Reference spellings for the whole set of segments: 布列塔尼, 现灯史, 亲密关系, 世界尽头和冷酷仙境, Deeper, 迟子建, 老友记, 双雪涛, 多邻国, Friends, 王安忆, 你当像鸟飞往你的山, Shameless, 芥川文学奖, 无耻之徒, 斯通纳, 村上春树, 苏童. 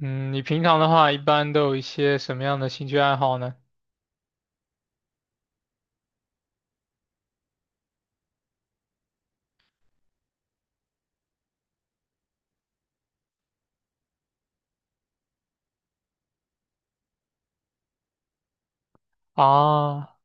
嗯，你平常的话一般都有一些什么样的兴趣爱好呢？啊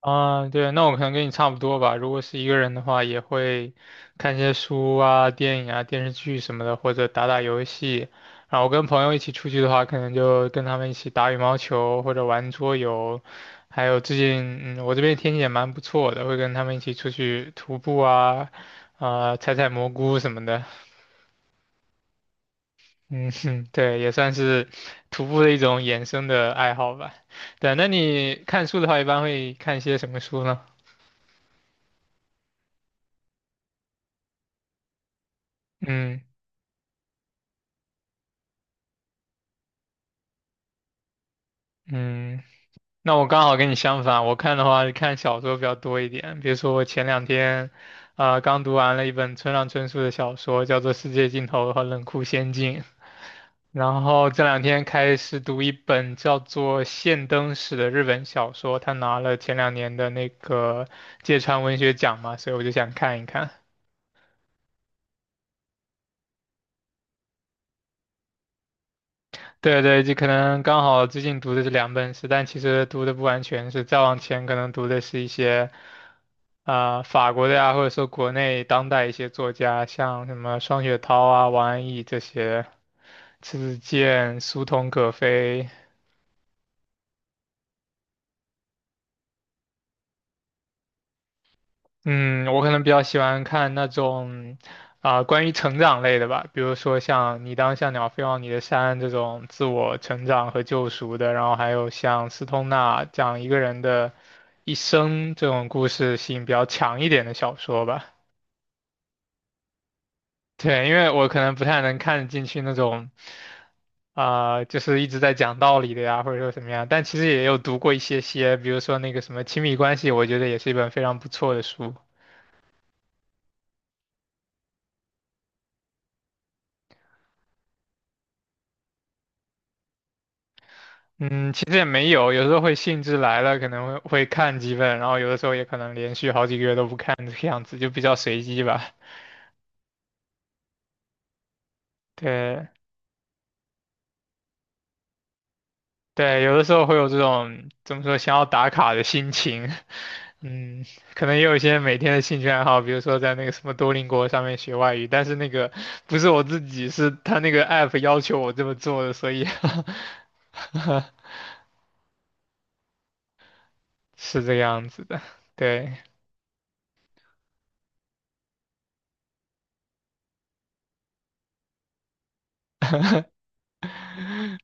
啊，对，那我可能跟你差不多吧。如果是一个人的话，也会看些书啊、电影啊、电视剧什么的，或者打打游戏。然后跟朋友一起出去的话，可能就跟他们一起打羽毛球或者玩桌游。还有最近，嗯，我这边天气也蛮不错的，会跟他们一起出去徒步啊，采采蘑菇什么的。嗯哼，对，也算是徒步的一种衍生的爱好吧。对，那你看书的话，一般会看些什么书呢？嗯嗯，那我刚好跟你相反，我看的话是看小说比较多一点。比如说我前两天，刚读完了一本村上春树的小说，叫做《世界尽头和冷酷仙境》。然后这两天开始读一本叫做《现灯史》的日本小说，他拿了前两年的那个芥川文学奖嘛，所以我就想看一看。对对，就可能刚好最近读的这两本是，但其实读的不完全是，再往前可能读的是一些法国的呀，或者说国内当代一些作家，像什么双雪涛啊、王安忆这些，迟子建、苏童可飞。嗯，我可能比较喜欢看那种关于成长类的吧，比如说像《你当像鸟飞往你的山》这种自我成长和救赎的，然后还有像斯通纳讲一个人的一生这种故事性比较强一点的小说吧。对，因为我可能不太能看得进去那种就是一直在讲道理的呀，或者说什么样，但其实也有读过一些些，比如说那个什么《亲密关系》，我觉得也是一本非常不错的书。嗯，其实也没有，有时候会兴致来了，可能会看几本，然后有的时候也可能连续好几个月都不看，这个样子就比较随机吧。对对，有的时候会有这种怎么说想要打卡的心情，嗯，可能也有一些每天的兴趣爱好，比如说在那个什么多邻国上面学外语，但是那个不是我自己，是他那个 app 要求我这么做的，所以 是这个样子的。对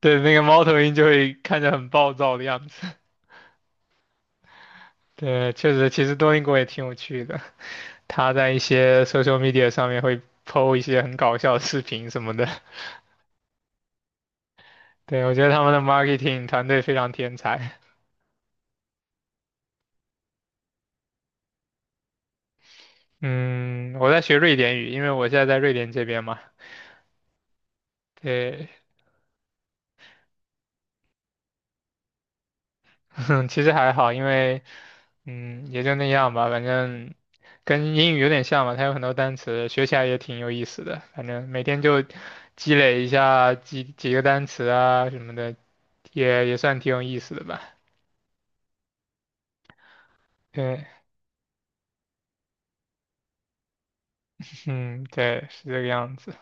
对，那个猫头鹰就会看着很暴躁的样子。对，确实，其实多邻国也挺有趣的，他在一些 social media 上面会 PO 一些很搞笑的视频什么的。对，我觉得他们的 marketing 团队非常天才。嗯，我在学瑞典语，因为我现在在瑞典这边嘛。对，其实还好，因为嗯也就那样吧，反正跟英语有点像嘛，它有很多单词，学起来也挺有意思的。反正每天就积累一下几个单词啊什么的，也算挺有意思的吧。对，嗯，对，是这个样子。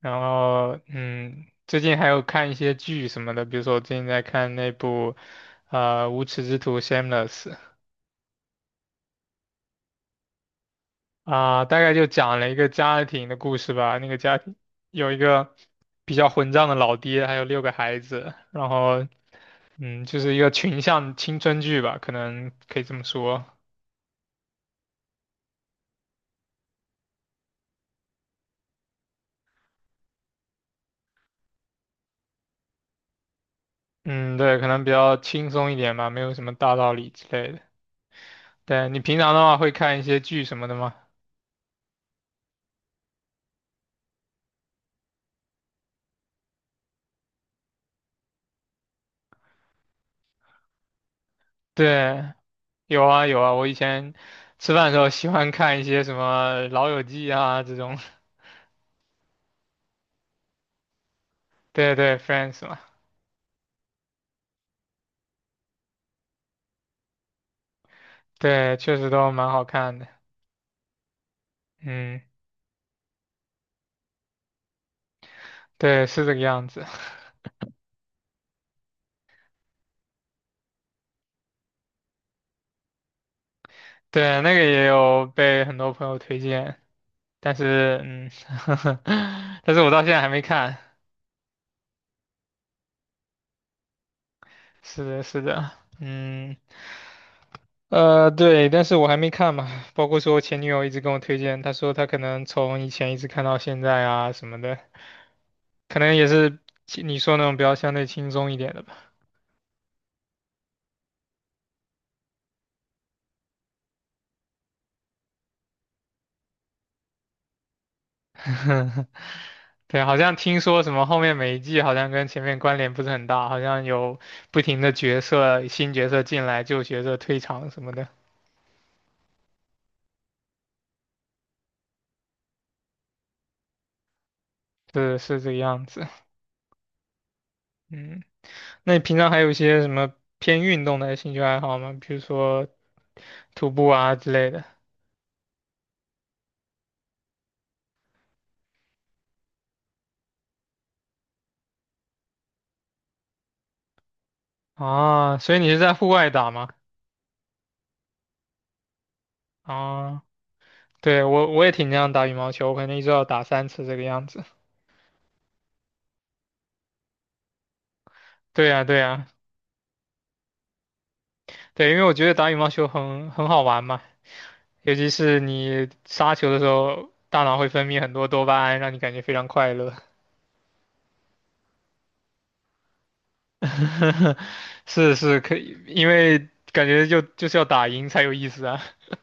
然后，嗯，最近还有看一些剧什么的，比如说我最近在看那部，《无耻之徒》（Shameless）。 大概就讲了一个家庭的故事吧。那个家庭有一个比较混账的老爹，还有六个孩子，然后，嗯，就是一个群像青春剧吧，可能可以这么说。嗯，对，可能比较轻松一点吧，没有什么大道理之类的。对，你平常的话会看一些剧什么的吗？对，有啊有啊，我以前吃饭的时候喜欢看一些什么《老友记》啊这种，对对，Friends 嘛，对，确实都蛮好看的。嗯，对，是这个样子。对，那个也有被很多朋友推荐，但是嗯，但是我到现在还没看。是的，是的，嗯，对，但是我还没看嘛，包括说我前女友一直跟我推荐，她说她可能从以前一直看到现在啊什么的，可能也是你说那种比较相对轻松一点的吧。对，好像听说什么后面每一季好像跟前面关联不是很大，好像有不停的角色、新角色进来，旧角色退场什么的，是这个样子。嗯，那你平常还有一些什么偏运动的兴趣爱好吗？比如说徒步啊之类的。啊，所以你是在户外打吗？啊，对，我也挺经常打羽毛球，我可能一周要打三次这个样子。对呀，对呀，对，因为我觉得打羽毛球很好玩嘛，尤其是你杀球的时候，大脑会分泌很多多巴胺，让你感觉非常快乐。是是，可以，因为感觉就是要打赢才有意思啊。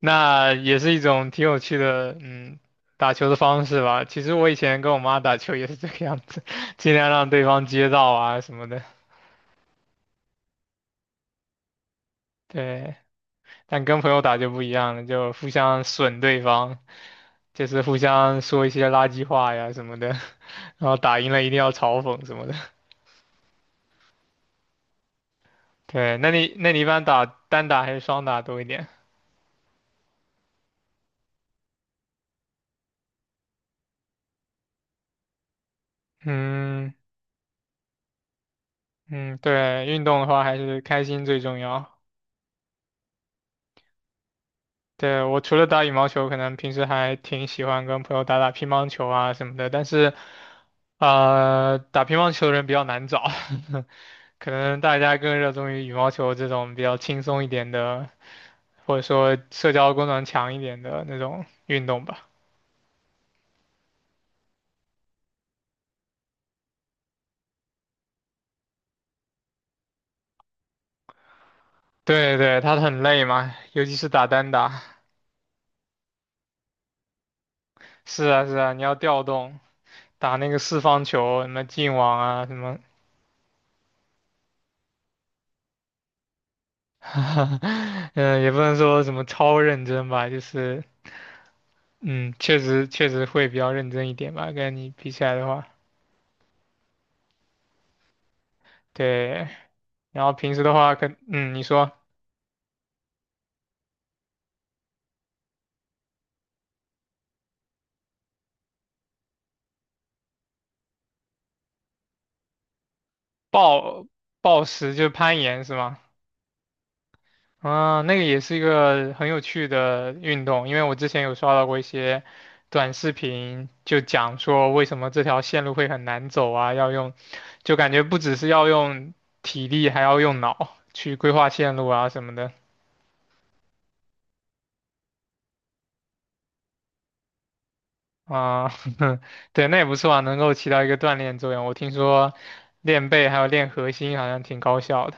那也是一种挺有趣的，嗯，打球的方式吧。其实我以前跟我妈打球也是这个样子，尽量让对方接到啊什么的。对，但跟朋友打就不一样了，就互相损对方，就是互相说一些垃圾话呀什么的，然后打赢了一定要嘲讽什么的。对，那你一般打单打还是双打多一点？嗯嗯，对，运动的话还是开心最重要。对，我除了打羽毛球，可能平时还挺喜欢跟朋友打打乒乓球啊什么的，但是，打乒乓球的人比较难找，可能大家更热衷于羽毛球这种比较轻松一点的，或者说社交功能强一点的那种运动吧。对对，它很累嘛，尤其是打单打。是啊是啊，你要调动，打那个四方球，什么进网啊什么，嗯也不能说什么超认真吧，就是。嗯，确实会比较认真一点吧，跟你比起来的话，对。然后平时的话，跟嗯，你说暴暴食就是攀岩是吗？啊，那个也是一个很有趣的运动，因为我之前有刷到过一些短视频，就讲说为什么这条线路会很难走啊，要用，就感觉不只是要用体力，还要用脑去规划线路啊什么的。啊，对，那也不错啊，能够起到一个锻炼作用。我听说练背还有练核心好像挺高效的。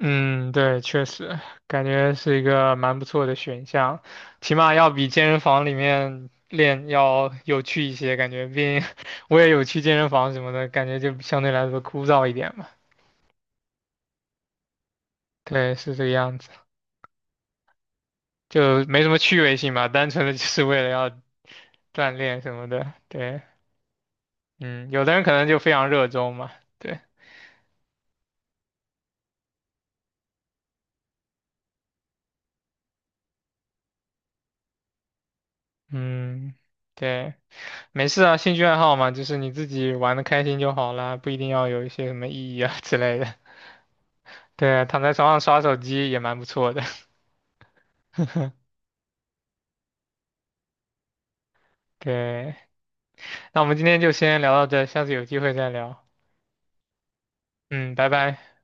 嗯，对，确实感觉是一个蛮不错的选项，起码要比健身房里面练要有趣一些，感觉。毕竟 我也有去健身房什么的，感觉就相对来说枯燥一点嘛。对，是这个样子，就没什么趣味性嘛，单纯的就是为了要锻炼什么的。对，嗯，有的人可能就非常热衷嘛。对。嗯，对，没事啊，兴趣爱好嘛，就是你自己玩的开心就好啦，不一定要有一些什么意义啊之类的。对啊，躺在床上刷手机也蛮不错的。对，那我们今天就先聊到这，下次有机会再聊。嗯，拜拜。